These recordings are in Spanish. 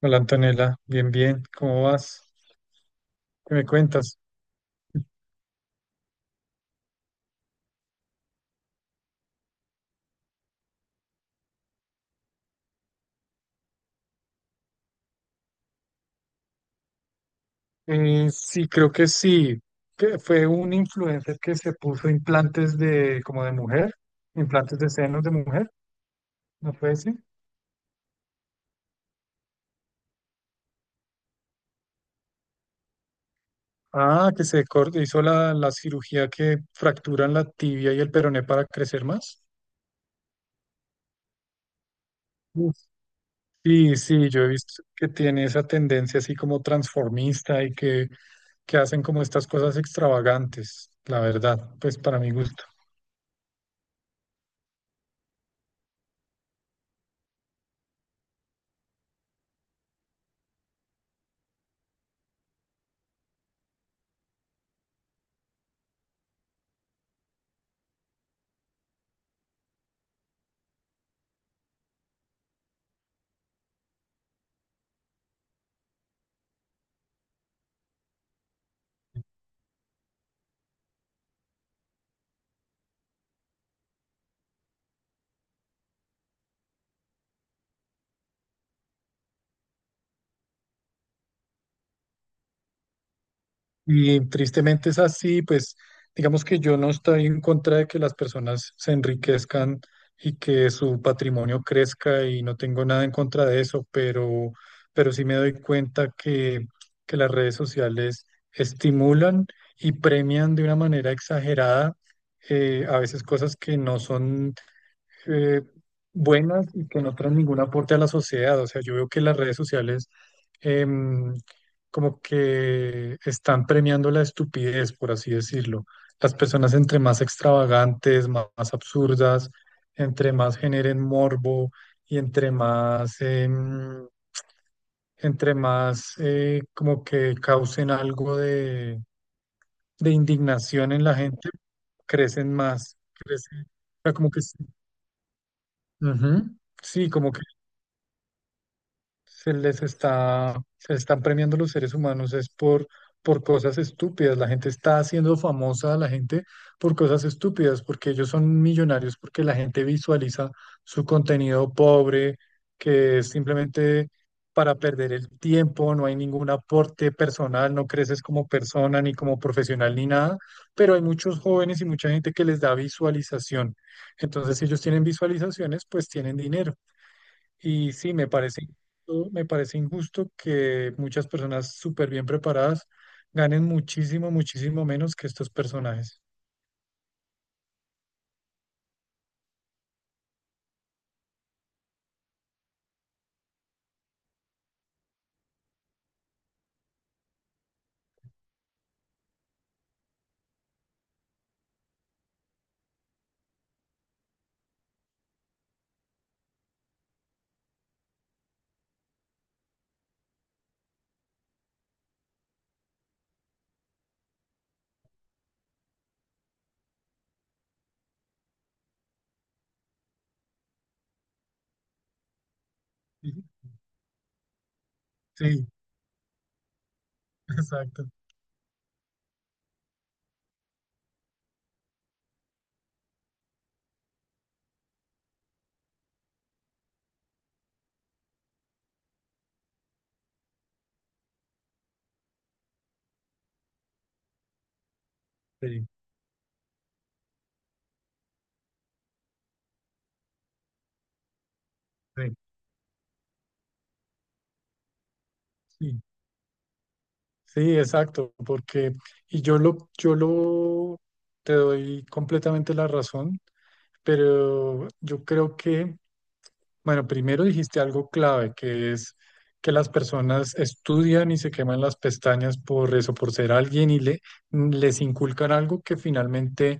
Hola Antonella, bien, bien, ¿cómo vas? ¿Qué me cuentas? Sí, creo que sí, que fue un influencer que se puso implantes de, como de mujer, implantes de senos de mujer. ¿No puede ser? Ah, que se cortó, hizo la cirugía que fracturan la tibia y el peroné para crecer más. Uf. Sí, sí, yo he visto que tiene esa tendencia así como transformista y que hacen como estas cosas extravagantes, la verdad, pues para mi gusto. Y tristemente es así, pues digamos que yo no estoy en contra de que las personas se enriquezcan y que su patrimonio crezca y no tengo nada en contra de eso, pero sí me doy cuenta que las redes sociales estimulan y premian de una manera exagerada, a veces cosas que no son, eh, buenas y que no traen ningún aporte a la sociedad. O sea, yo veo que las redes sociales, em, como que están premiando la estupidez, por así decirlo. Las personas, entre más extravagantes, más, absurdas, entre más generen morbo y entre más como que causen algo de indignación en la gente, crecen más, crecen, o sea, como que sí, ujú, sí, como que se les están premiando los seres humanos es por cosas estúpidas. La gente está haciendo famosa a la gente por cosas estúpidas, porque ellos son millonarios, porque la gente visualiza su contenido pobre, que es simplemente para perder el tiempo, no hay ningún aporte personal, no creces como persona, ni como profesional, ni nada, pero hay muchos jóvenes y mucha gente que les da visualización. Entonces, si ellos tienen visualizaciones, pues tienen dinero. Y sí, me parece, injusto que muchas personas súper bien preparadas ganen muchísimo, muchísimo menos que estos personajes. Sí, sí, exacto. Sí, sí, sí, sí, exacto. Porque, y te doy completamente la razón, pero yo creo que bueno, primero dijiste algo clave, que es que las personas estudian y se queman las pestañas por eso, por ser alguien y les inculcan algo que finalmente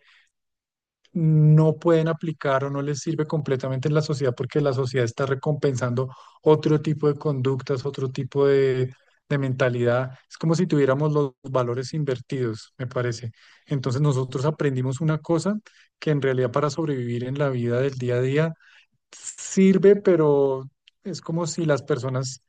no pueden aplicar o no les sirve completamente en la sociedad porque la sociedad está recompensando otro tipo de conductas, otro tipo de mentalidad. Es como si tuviéramos los valores invertidos, me parece. Entonces nosotros aprendimos una cosa que en realidad para sobrevivir en la vida del día a día sirve, pero es como si las personas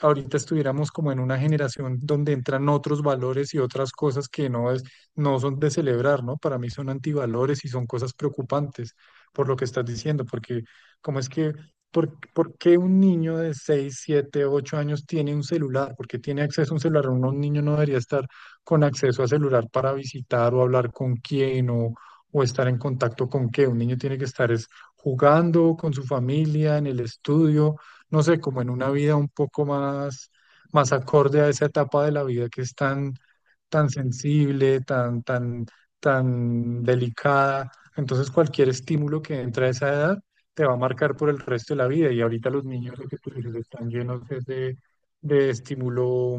ahorita estuviéramos como en una generación donde entran otros valores y otras cosas que no son de celebrar, ¿no? Para mí son antivalores y son cosas preocupantes por lo que estás diciendo, porque cómo es que, por qué un niño de 6, 7, 8 años tiene un celular? ¿Por qué tiene acceso a un celular? Un niño no debería estar con acceso a celular para visitar o hablar con quién, o estar en contacto con qué. Un niño tiene que estar es jugando con su familia, en el estudio, no sé, como en una vida un poco más, acorde a esa etapa de la vida, que es tan, tan sensible, tan, tan, tan delicada. Entonces cualquier estímulo que entre a esa edad te va a marcar por el resto de la vida. Y ahorita los niños, lo que tú dices, están llenos es de estímulo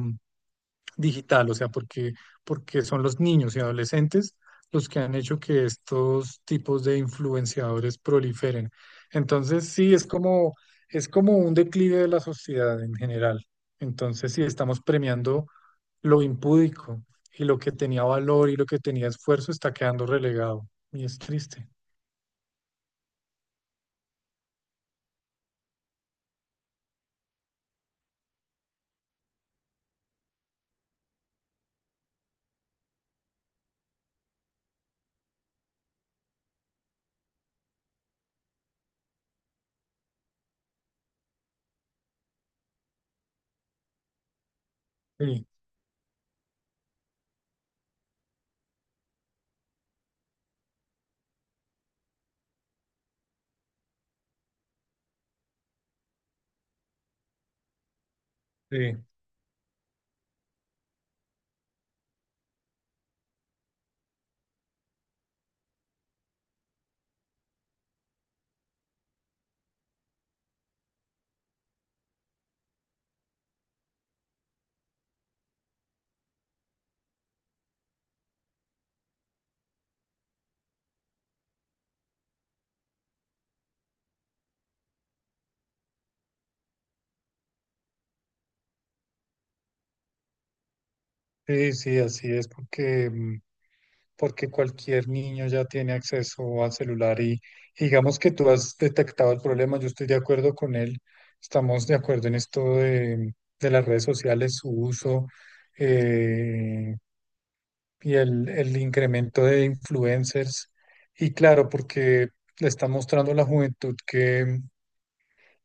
digital, o sea, porque son los niños y adolescentes los que han hecho que estos tipos de influenciadores proliferen. Entonces, sí, es como, un declive de la sociedad en general. Entonces, sí, estamos premiando lo impúdico, y lo que tenía valor y lo que tenía esfuerzo está quedando relegado. Y es triste. Sí, sí, sí, sí, así es, porque... mm, porque cualquier niño ya tiene acceso al celular, y digamos que tú has detectado el problema, yo estoy de acuerdo con él, estamos de acuerdo en esto de las redes sociales, su uso, eh, y el incremento de influencers. Y claro, porque le está mostrando a la juventud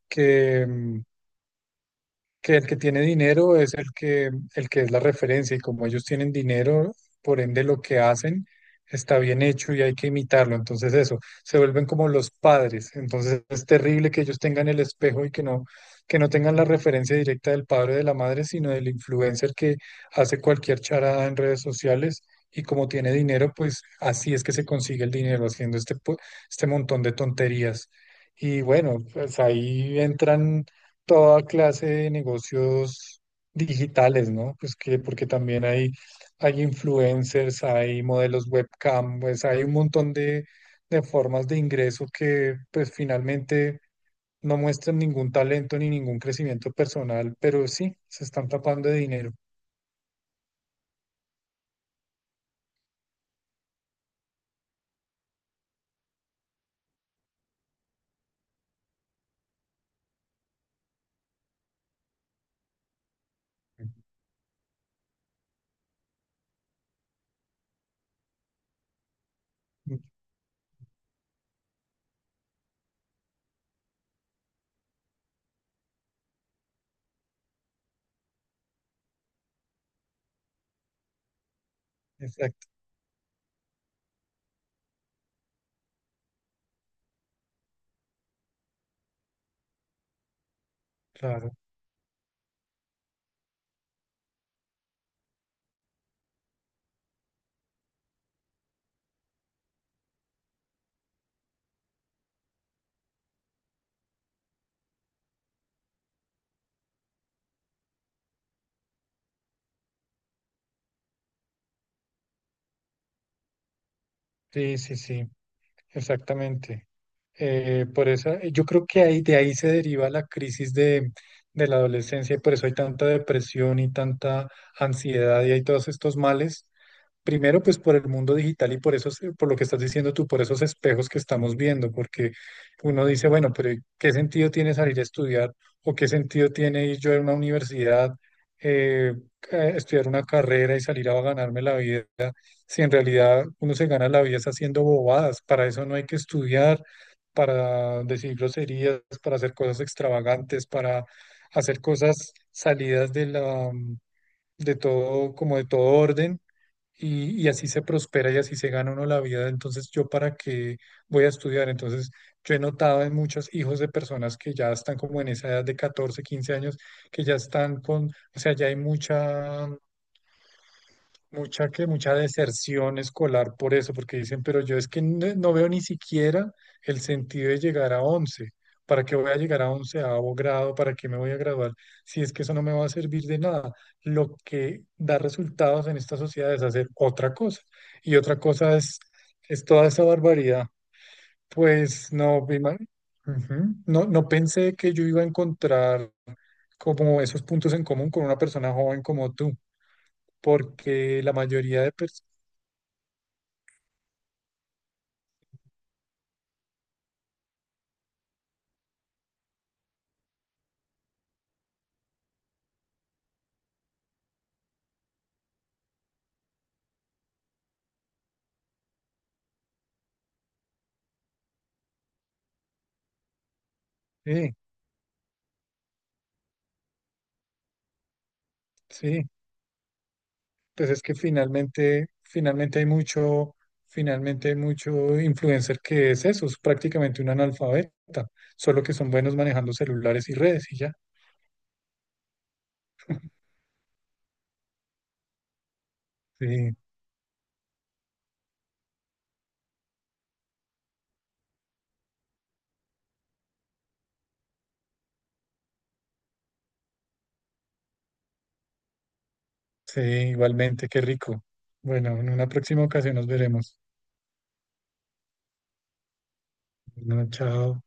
que mm, que el que tiene dinero es el que es la referencia, y como ellos tienen dinero, por ende lo que hacen está bien hecho y hay que imitarlo. Entonces eso, se vuelven como los padres. Entonces es terrible que ellos tengan el espejo y que no tengan la referencia directa del padre o de la madre, sino del influencer que hace cualquier charada en redes sociales. Y como tiene dinero, pues así es que se consigue el dinero, haciendo este montón de tonterías. Y bueno, pues ahí entran toda clase de negocios digitales, ¿no? Pues porque también hay influencers, hay modelos webcam, pues hay un montón de formas de ingreso que pues finalmente no muestran ningún talento ni ningún crecimiento personal, pero sí, se están tapando de dinero. Exacto, claro. Sí, sí, sí, exactamente. Por eso, yo creo que de ahí se deriva la crisis de la adolescencia, y por eso hay tanta depresión y tanta ansiedad y hay todos estos males. Primero, pues por el mundo digital, y por eso, por lo que estás diciendo tú, por esos espejos que estamos viendo, porque uno dice, bueno, pero ¿qué sentido tiene salir a estudiar o qué sentido tiene ir yo a una universidad, eh, a estudiar una carrera y salir a ganarme la vida, si en realidad uno se gana la vida es haciendo bobadas? Para eso no hay que estudiar, para decir groserías, para hacer cosas extravagantes, para hacer cosas salidas de la, de todo, como de todo orden, y así se prospera y así se gana uno la vida. Entonces, ¿yo para qué voy a estudiar? Entonces, yo he notado en muchos hijos de personas que ya están como en esa edad de 14, 15 años, que o sea, ya hay mucha deserción escolar por eso, porque dicen, pero yo es que no veo ni siquiera el sentido de llegar a 11. ¿Para qué voy a llegar a 11.º grado? ¿Para qué me voy a graduar? Si es que eso no me va a servir de nada. Lo que da resultados en esta sociedad es hacer otra cosa. Y otra cosa es toda esa barbaridad. Pues no, vi mal. Ujú. No, no pensé que yo iba a encontrar como esos puntos en común con una persona joven como tú, porque la mayoría de personas... Sí, sí, pues es que finalmente hay mucho influencer que es eso, es prácticamente un analfabeta, solo que son buenos manejando celulares y redes y ya. Sí, sí, igualmente, qué rico. Bueno, en una próxima ocasión nos veremos. Bueno, chao.